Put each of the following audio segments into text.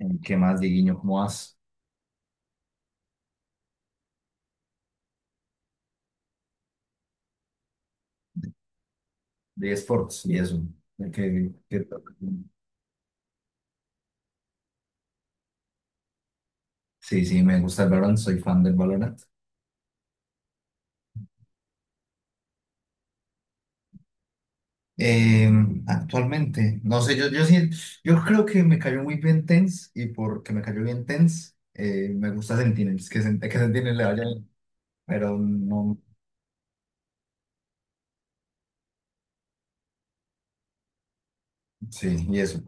¿Qué más, Dieguiño? ¿Cómo vas? De esports y eso. ¿De qué- qué- Sí, sí, me gusta el Valorant, soy fan del Valorant. Eh, Actualmente, no sé, yo creo que me cayó muy bien Tense y porque me cayó bien Tense, me gusta Sentinels, que Sentinels le vaya bien, pero no, sí, y eso.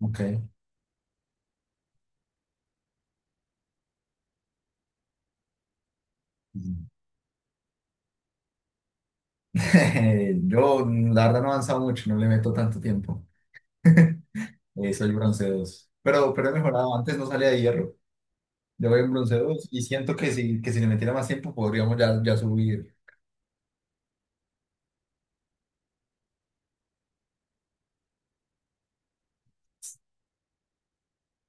Ok. Yo, la verdad, no he avanzado mucho, no le meto tanto tiempo. Soy bronce 2, pero he mejorado, antes no salía de hierro. Yo voy en bronce 2 y siento que que si le metiera más tiempo podríamos ya subir.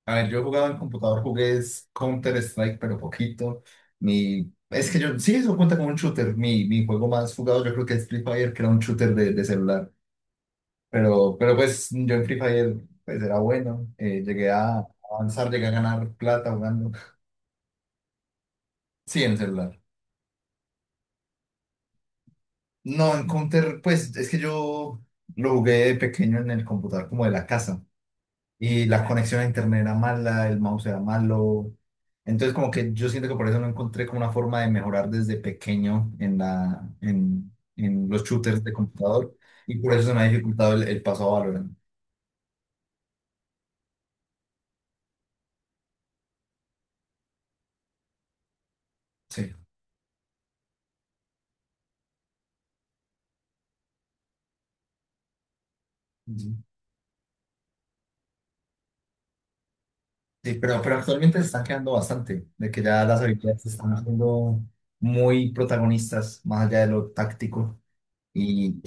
A ver, yo jugaba en computador, jugué Counter-Strike, pero poquito. Es que yo, sí, eso cuenta como un shooter. Mi juego más jugado yo creo que es Free Fire, que era un shooter de celular. Pero pues yo en Free Fire pues era bueno. Llegué a avanzar, llegué a ganar plata jugando. Sí, en celular. No, en Counter, pues es que yo lo jugué de pequeño en el computador como de la casa. Y la conexión a internet era mala, el mouse era malo. Entonces, como que yo siento que por eso no encontré como una forma de mejorar desde pequeño en en los shooters de computador. Y por eso se me ha dificultado el paso a Valorant. Sí. Sí, pero actualmente se están quedando bastante, de que ya las habilidades se están haciendo muy protagonistas, más allá de lo táctico. Y,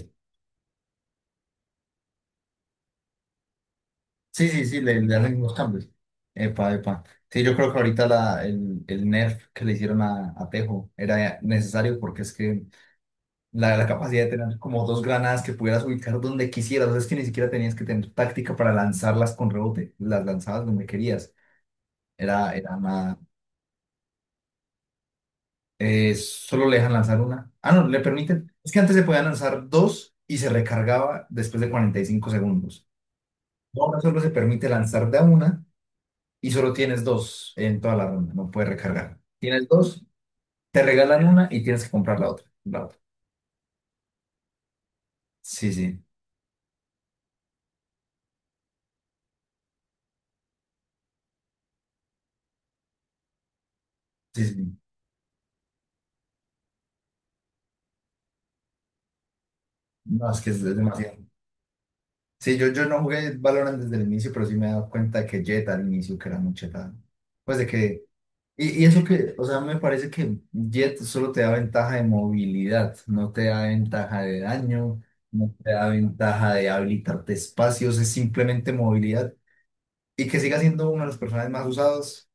Sí, sí, sí, le hacen los cambios. Epa, epa. Sí, yo creo que ahorita el nerf que le hicieron a Tejo era necesario porque es que la capacidad de tener como dos granadas que pudieras ubicar donde quisieras, o sea, es que ni siquiera tenías que tener táctica para lanzarlas con rebote, las lanzabas donde querías. Era una... Solo le dejan lanzar una. Ah, no, le permiten. Es que antes se podían lanzar dos y se recargaba después de 45 segundos. Ahora solo se permite lanzar de a una y solo tienes dos en toda la ronda, no puedes recargar. Tienes dos, te regalan una y tienes que comprar la otra. La otra. Sí, sí, sí, sí. No, es que es demasiado. Sí, yo no jugué Valorant desde el inicio, pero sí me he dado cuenta que Jett al inicio que era muy chetada. Pues de que. Y eso que, o sea, me parece que Jett solo te da ventaja de movilidad, no te da ventaja de daño, no te da ventaja de habilitarte espacios, es simplemente movilidad. Y que siga siendo uno de los personajes más usados.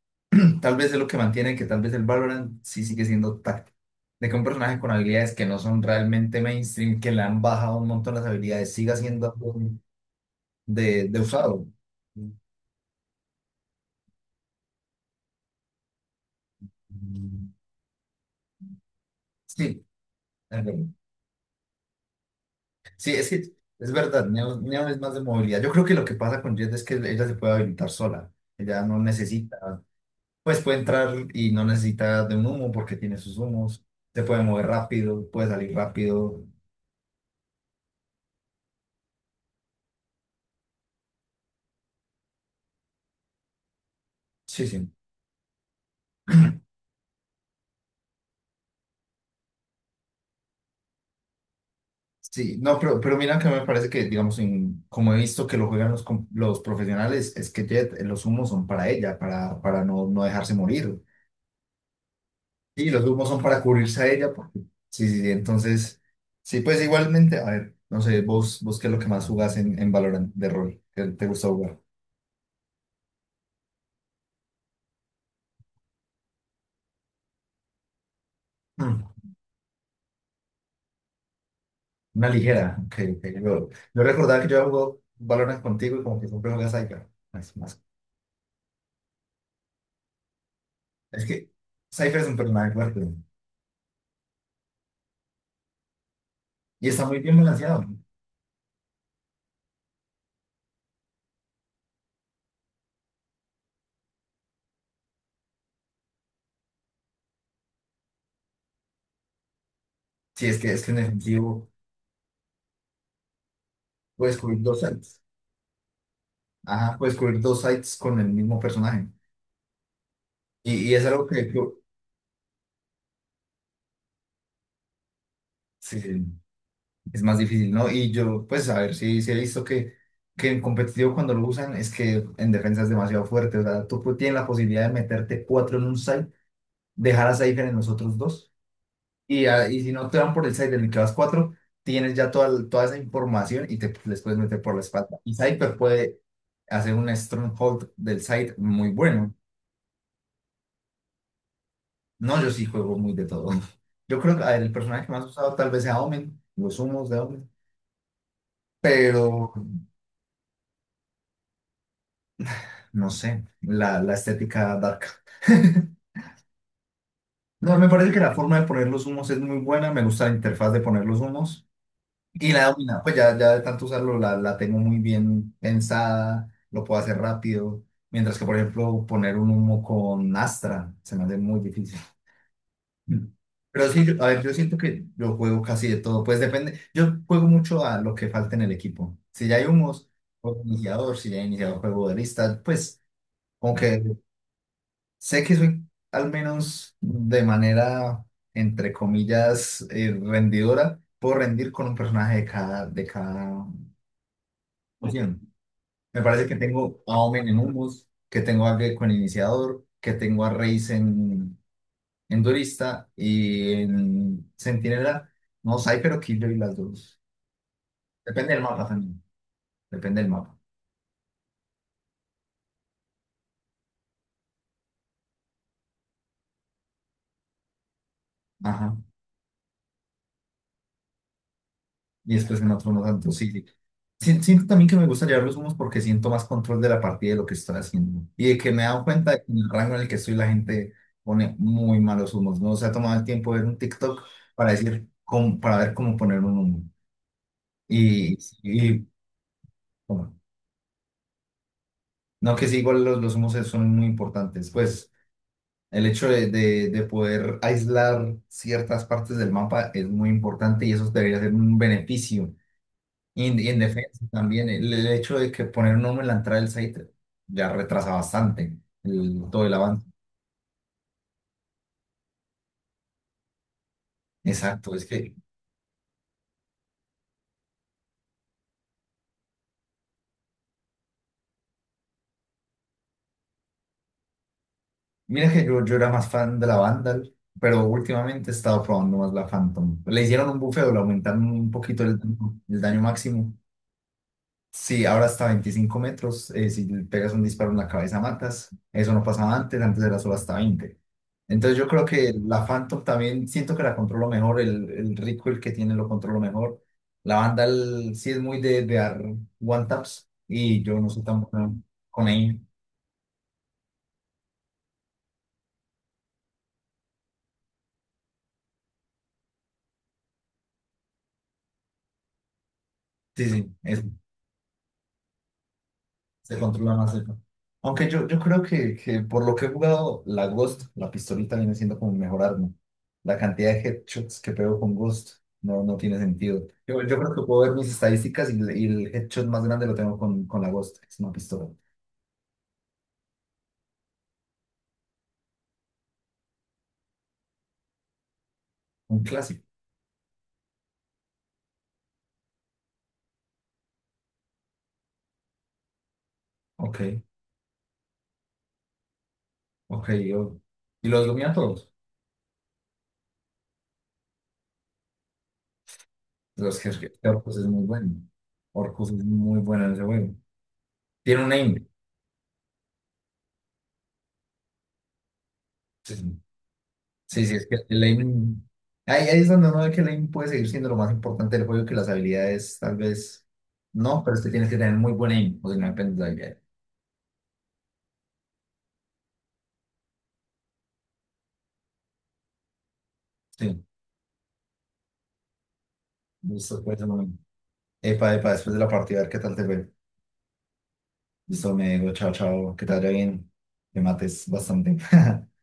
Tal vez es lo que mantiene que tal vez el Valorant sí sigue siendo táctico. De que un personaje con habilidades que no son realmente mainstream, que le han bajado un montón las habilidades, siga siendo algo de usado. Sí, es verdad. Sí, es que es verdad, Neo es más de movilidad. Yo creo que lo que pasa con Jet es que ella se puede habilitar sola. Ella no necesita, pues puede entrar y no necesita de un humo porque tiene sus humos. Se puede mover rápido, puede salir rápido. Sí, sí. Sí, no, pero mira que me parece que, digamos, como he visto que lo juegan los profesionales, es que Jet, los humos son para ella, para no, no dejarse morir. Y los humos son para cubrirse a ella, porque sí, sí, sí, entonces, sí, pues igualmente, a ver, no sé, vos qué es lo que más jugás en Valorant de rol, que te gusta jugar. Mm, una ligera, ok, ok. Yo recordaba que yo jugué Valorant contigo y como que siempre juegas Cypher. Es que Cypher es un personaje fuerte y está muy bien balanceado. Sí, es que en efectivo. Puedes cubrir dos sites. Ajá, puedes cubrir dos sites con el mismo personaje. Y es algo que sí, sí, es más difícil, ¿no? Y yo, pues, a ver, sí, sí he visto que en competitivo cuando lo usan es que en defensa es demasiado fuerte. O sea, tienes la posibilidad de meterte cuatro en un site, dejar a Cypher en los otros dos. Y si no te van por el site en el que vas cuatro, tienes ya toda, toda esa información y te les puedes meter por la espalda. Y Cypher puede hacer un stronghold del site muy bueno. No, yo sí juego muy de todo. Yo creo que, a ver, el personaje que más he usado tal vez sea Omen, los humos de Omen, pero no sé, la estética dark. No, me parece que la forma de poner los humos es muy buena, me gusta la interfaz de poner los humos y la domina, pues ya de tanto usarlo la tengo muy bien pensada, lo puedo hacer rápido, mientras que por ejemplo poner un humo con Astra se me hace muy difícil. Pero sí, a ver, yo siento que yo juego casi de todo. Pues depende. Yo juego mucho a lo que falta en el equipo. Si ya hay humos, juego de iniciador. Si ya he iniciado juego de lista, pues como que sé que soy al menos de manera, entre comillas, rendidora. Puedo rendir con un personaje de cada opción. Me parece que tengo a Omen en humos, que tengo a Gecko en iniciador, que tengo a Reis en Duelista y en Centinela. No, Cypher o Killjoy, las dos. Depende del mapa también. Depende del mapa. Ajá. Y después en otro no tanto, sí, sí. Siento también que me gusta llevar los humos porque siento más control de la partida y de lo que estoy haciendo. Y de que me he dado cuenta de que en el rango en el que estoy la gente pone muy malos humos. No se ha tomado el tiempo de ver un TikTok para decir, para ver cómo poner un humo. Y, y bueno, no que sí, igual los humos son muy importantes. Pues el hecho de poder aislar ciertas partes del mapa es muy importante y eso debería ser un beneficio. Y en defensa también, el hecho de que poner un hombre en la entrada del site ya retrasa bastante todo el avance. Exacto, es que, mira que yo era más fan de la Vandal, pero últimamente he estado probando más la Phantom. Le hicieron un buffeo, le aumentaron un poquito el, el daño máximo. Sí, ahora hasta 25 metros. Si le pegas un disparo en la cabeza, matas. Eso no pasaba antes, antes era solo hasta 20. Entonces yo creo que la Phantom también siento que la controlo mejor. El recoil que tiene lo controlo mejor. La banda sí es muy de dar one taps y yo no soy tan bueno con ella. Sí, sí, eso. Se controla más el... Aunque yo creo que por lo que he jugado, la Ghost, la pistolita viene siendo como mi mejor arma. La cantidad de headshots que pego con Ghost no, no tiene sentido. Yo creo que puedo ver mis estadísticas y, el headshot más grande lo tengo con la Ghost, que es una pistola. Un clásico. Ok, ok. Y los domina todos. Los que Orcus es muy bueno. Orcus es muy bueno en ese juego. Tiene un aim. Sí, sí, es que el aiming... Ahí, ahí es donde uno ve que el aiming puede seguir siendo lo más importante del juego, que las habilidades tal vez no, pero usted tiene que tener muy buen aim, o si no depende de la habilidad. Sí, listo, pues, bueno. Epa, epa, después de la partida, a ver qué tal te fue. Listo, me digo, chao, chao, que te vaya bien, me mates bastante.